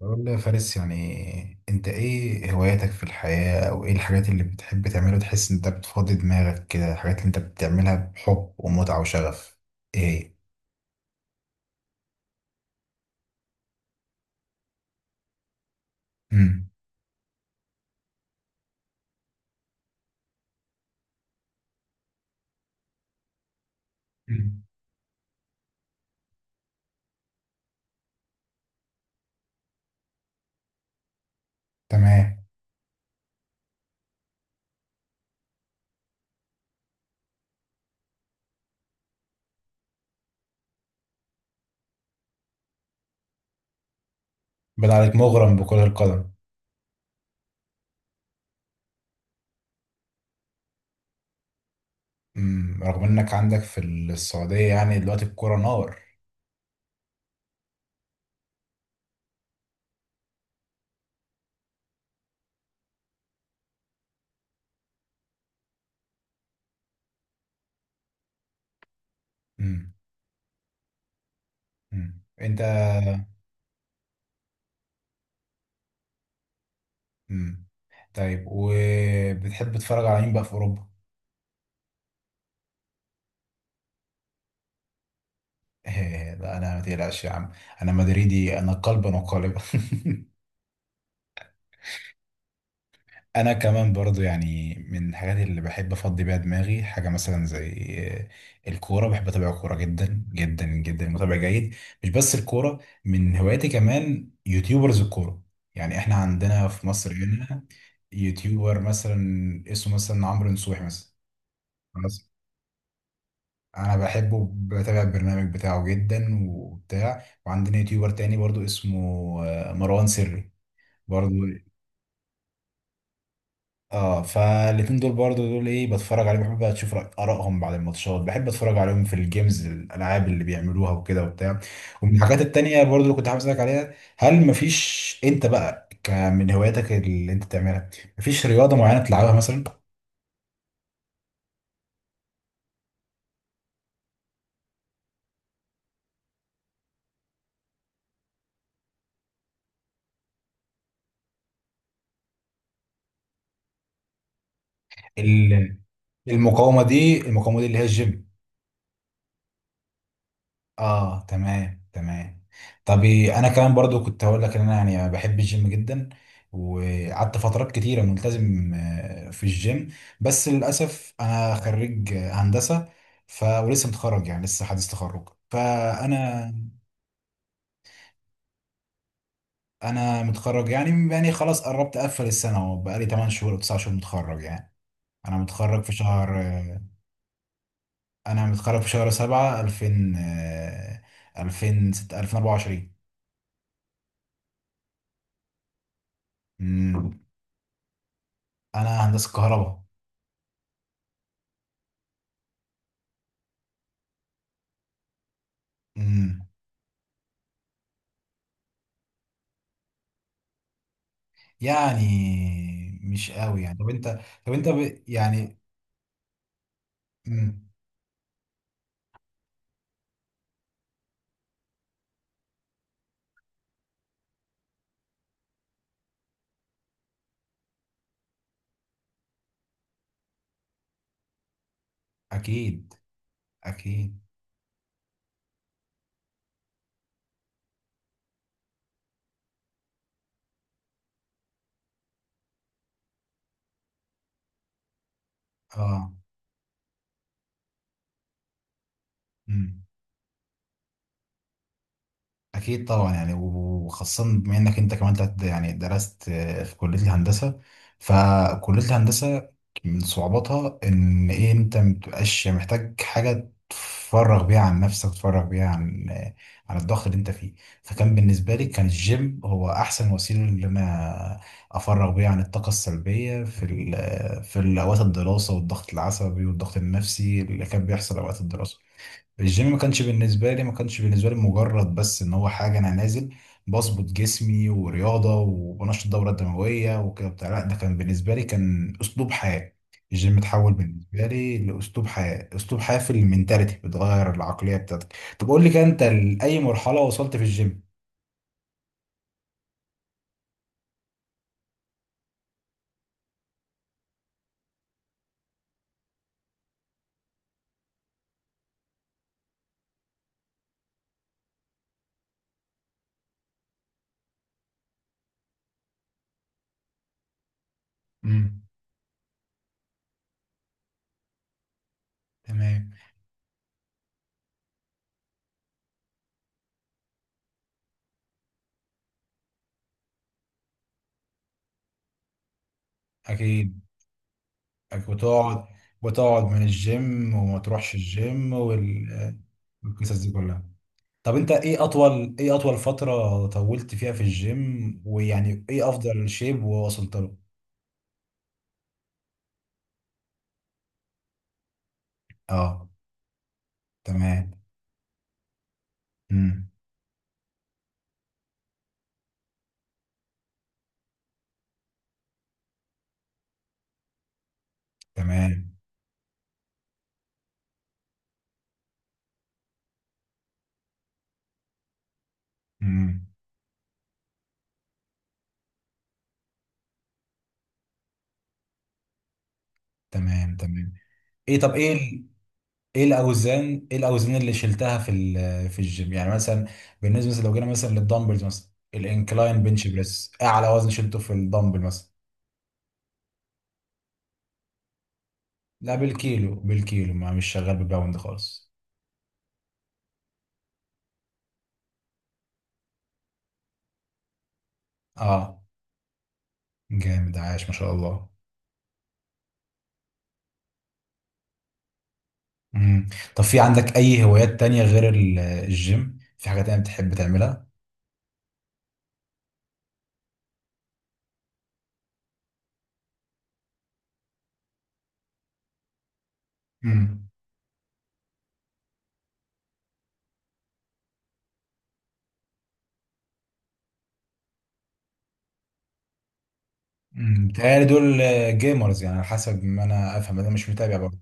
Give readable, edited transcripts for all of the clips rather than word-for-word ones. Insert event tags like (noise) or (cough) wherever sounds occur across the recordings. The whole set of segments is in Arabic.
والله يا فارس، يعني انت ايه هواياتك في الحياة او ايه الحاجات اللي بتحب تعملها؟ تحس ان انت بتفضي دماغك كده الحاجات اللي انت بتعملها بحب ومتعة وشغف. ايه. امم. امم. تمام. بدأ عليك مغرم بكرة القدم؟ رغم انك عندك في السعودية يعني دلوقتي الكرة نار. امم. امم. انت... امم. طيب، وبتحب تتفرج على مين بقى في اوروبا؟ (laughs) لا، انا ما تقلقش يا عم، انا مدريدي انا قلبا وقالبا. (laughs) انا كمان برضو يعني من الحاجات اللي بحب افضي بيها دماغي حاجه مثلا زي الكوره. بحب اتابع الكوره جدا جدا جدا، متابع جيد. مش بس الكوره، من هواياتي كمان يوتيوبرز الكوره. يعني احنا عندنا في مصر هنا يوتيوبر مثلا اسمه مثلا عمرو نصوحي مثلا. خلاص، انا بحبه، بتابع البرنامج بتاعه جدا وبتاع. وعندنا يوتيوبر تاني برضو اسمه مروان سري برضو. اه، فالاتنين دول برضو دول ايه، بتفرج عليهم، بحب بقى اشوف ارائهم بعد الماتشات. بحب اتفرج عليهم في الجيمز، الالعاب اللي بيعملوها وكده وبتاع. ومن الحاجات التانية برضو اللي كنت حابب اسالك عليها، هل مفيش انت بقى من هواياتك اللي انت بتعملها، مفيش رياضة معينة بتلعبها مثلا؟ ال- المقاومة دي، المقاومة دي اللي هي الجيم؟ اه، تمام تمام. طب إيه، انا كمان برضو كنت هقول لك ان انا يعني بحب الجيم جدا. وقعدت فترات كتيره ملتزم في الجيم، بس للاسف انا خريج هندسه. ولسه متخرج يعني لسه حديث تخرج فانا، انا متخرج يعني خلاص قربت اقفل السنه، وبقالي 8 شهور او 9 شهور متخرج يعني. انا متخرج في شهر، انا متخرج في شهر 7 2000 2000، 2024. أمم، انا هندسه كهرباء. امم. يعني مش قوي يعني. طب انت... طب انت يعني... امم. اكيد. اكيد. اه. امم. اكيد طبعا، يعني وخاصه بما انك انت كمان يعني درست في كليه الهندسه. فكليه الهندسه من صعوباتها ان ايه، انت مبتبقاش محتاج حاجه تفرغ بيها عن نفسك، تفرغ بيها عن الضغط اللي انت فيه. فكان بالنسبه لي كان الجيم هو احسن وسيله اللي انا افرغ بيها عن الطاقه السلبيه في ال- آه، في اوقات الدراسه، والضغط العصبي والضغط النفسي اللي كان بيحصل اوقات الدراسه. الجيم ما كانش بالنسبة لي مجرد بس ان هو حاجة انا نازل بظبط جسمي ورياضة وبنشط الدورة الدموية وكده بتاع. لا، ده كان بالنسبة لي كان اسلوب حياة. الجيم اتحول بالنسبة لي لأسلوب حياة، أسلوب حياة في المنتاليتي، بتغير العقلية بتاعتك. طب قول لي كده، انت لأي مرحلة وصلت في الجيم؟ امم. تمام. اكيد. أكيد. وتقعد، وتقعد من الجيم وما تروحش الجيم والقصص دي كلها. طب انت، ايه اطول فترة طولت فيها في الجيم؟ ويعني ايه افضل شيب ووصلت له؟ اه. تمام. امم. تمام. امم. تمام تمام. ايه، طب ايه ايه الاوزان اللي شلتها في الجيم يعني مثلا؟ بالنسبة مثلا لو جينا مثلا للدمبلز مثلا الانكلاين بنش بريس، اعلى وزن شلته في الدمبل مثلا؟ لا بالكيلو، بالكيلو، ما مش شغال بالباوند خالص. اه، جامد، عاش ما شاء الله. مم. طب في عندك أي هوايات تانية غير الجيم؟ في حاجة تانية بتحب تعملها؟ امم. بيتهيألي دول جيمرز يعني، على حسب ما أنا أفهم أنا مش متابع برضه.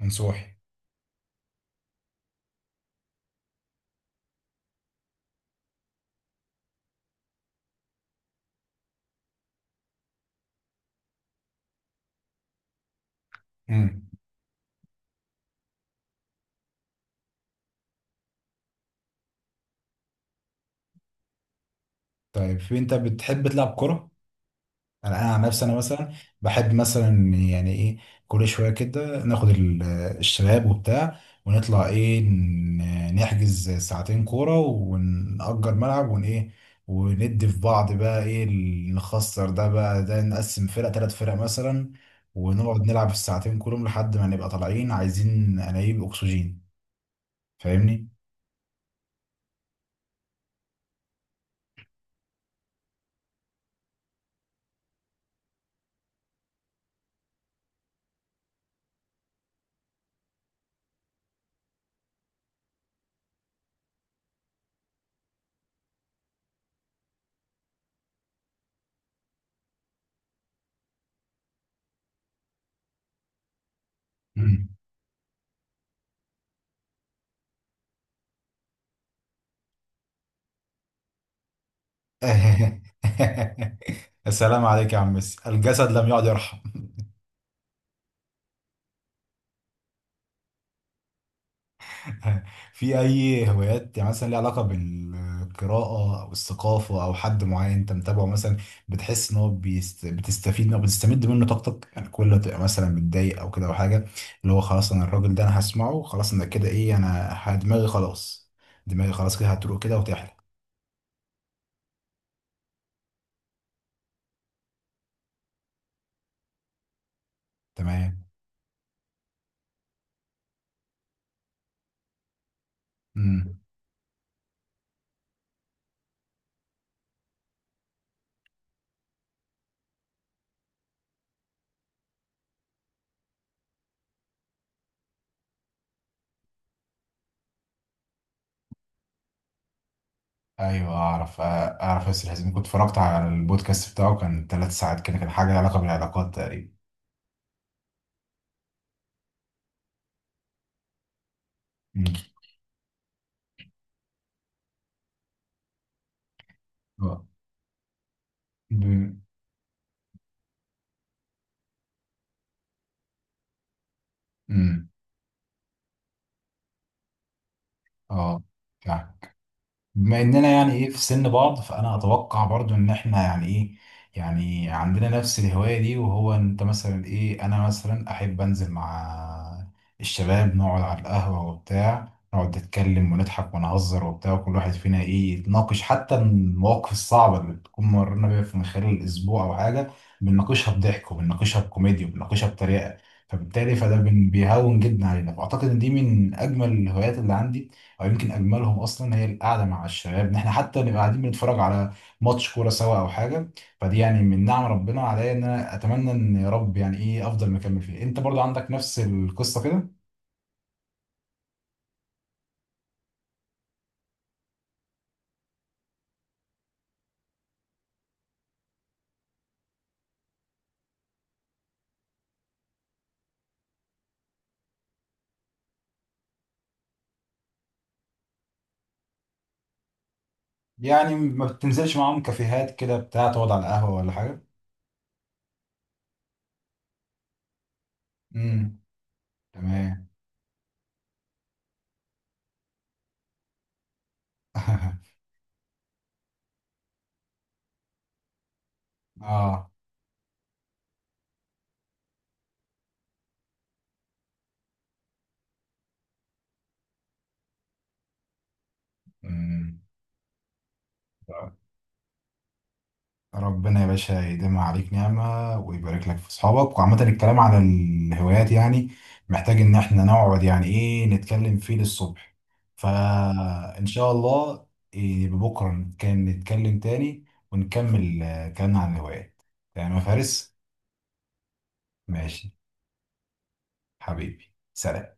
من صوحي. امم. طيب، في أنت بتحب تلعب كرة؟ انا عن نفسي انا مثلا بحب مثلا، يعني ايه، كل شويه كده ناخد الشباب وبتاع، ونطلع ايه، نحجز ساعتين كوره ونأجر ملعب ون ايه، وندي في بعض، بقى ايه نخسر ده، بقى ده نقسم فرق، 3 فرق مثلا، ونقعد نلعب الساعتين كلهم لحد ما نبقى طالعين عايزين انابيب اكسجين. فاهمني؟ مم. (laughs) السلام عليك يا عم ميسي، الجسد لم يعد يرحم. (laughs) في اي هوايات مثلا ليها علاقه بالقراءه او الثقافه، او حد معين انت متابعه مثلا بتحس ان هو بتستفيد منه او بتستمد منه طاقتك، يعني كل ما تبقى مثلا متضايق او كده او حاجه، اللي هو خلاص انا الراجل ده انا هسمعه خلاص انا كده، ايه، انا دماغي خلاص، دماغي خلاص كده هتروق كده وتحلى. تمام. امم. ايوه، اعرف اعرف ياسر حزين، كنت اتفرجت على البودكاست بتاعه كان 3 ساعات كده، كان حاجه لها علاقه بالعلاقات تقريبا. امم. اه. ب- امم. اه. يعني بما اننا يعني ايه في سن بعض، فانا اتوقع برضو ان احنا يعني ايه، يعني عندنا نفس الهواية دي. وهو انت مثلا ايه، انا مثلا احب انزل مع الشباب، نقعد على القهوة وبتاع، نقعد نتكلم ونضحك ونهزر وبتاع، وكل واحد فينا ايه يتناقش حتى المواقف الصعبة اللي بتكون مرينا بيها من خلال الاسبوع او حاجة، بنناقشها بضحك وبنناقشها بكوميديا وبنناقشها بطريقة، فبالتالي فده بيهون جدا علينا. فاعتقد ان دي من اجمل الهوايات اللي عندي، او يمكن اجملهم اصلا هي القعده مع الشباب، ان احنا حتى نبقى قاعدين بنتفرج على ماتش كوره سوا او حاجه. فدي يعني من نعم ربنا عليا، ان انا اتمنى ان يا رب يعني ايه افضل مكمل فيه. انت برضو عندك نفس القصه كده؟ يعني ما بتنزلش معاهم كافيهات كده بتاع، تقعد على القهوه ولا حاجه؟ امم. تمام. (laughs) اه. امم. ربنا يا باشا يديم عليك نعمة ويبارك لك في أصحابك. وعامة الكلام على الهوايات يعني محتاج إن إحنا نقعد يعني إيه نتكلم فيه للصبح. فإن شاء الله، إيه، بكرة نتكلم، نتكلم تاني ونكمل كلامنا عن الهوايات. تمام يا فارس. ماشي. حبيبي، سلام.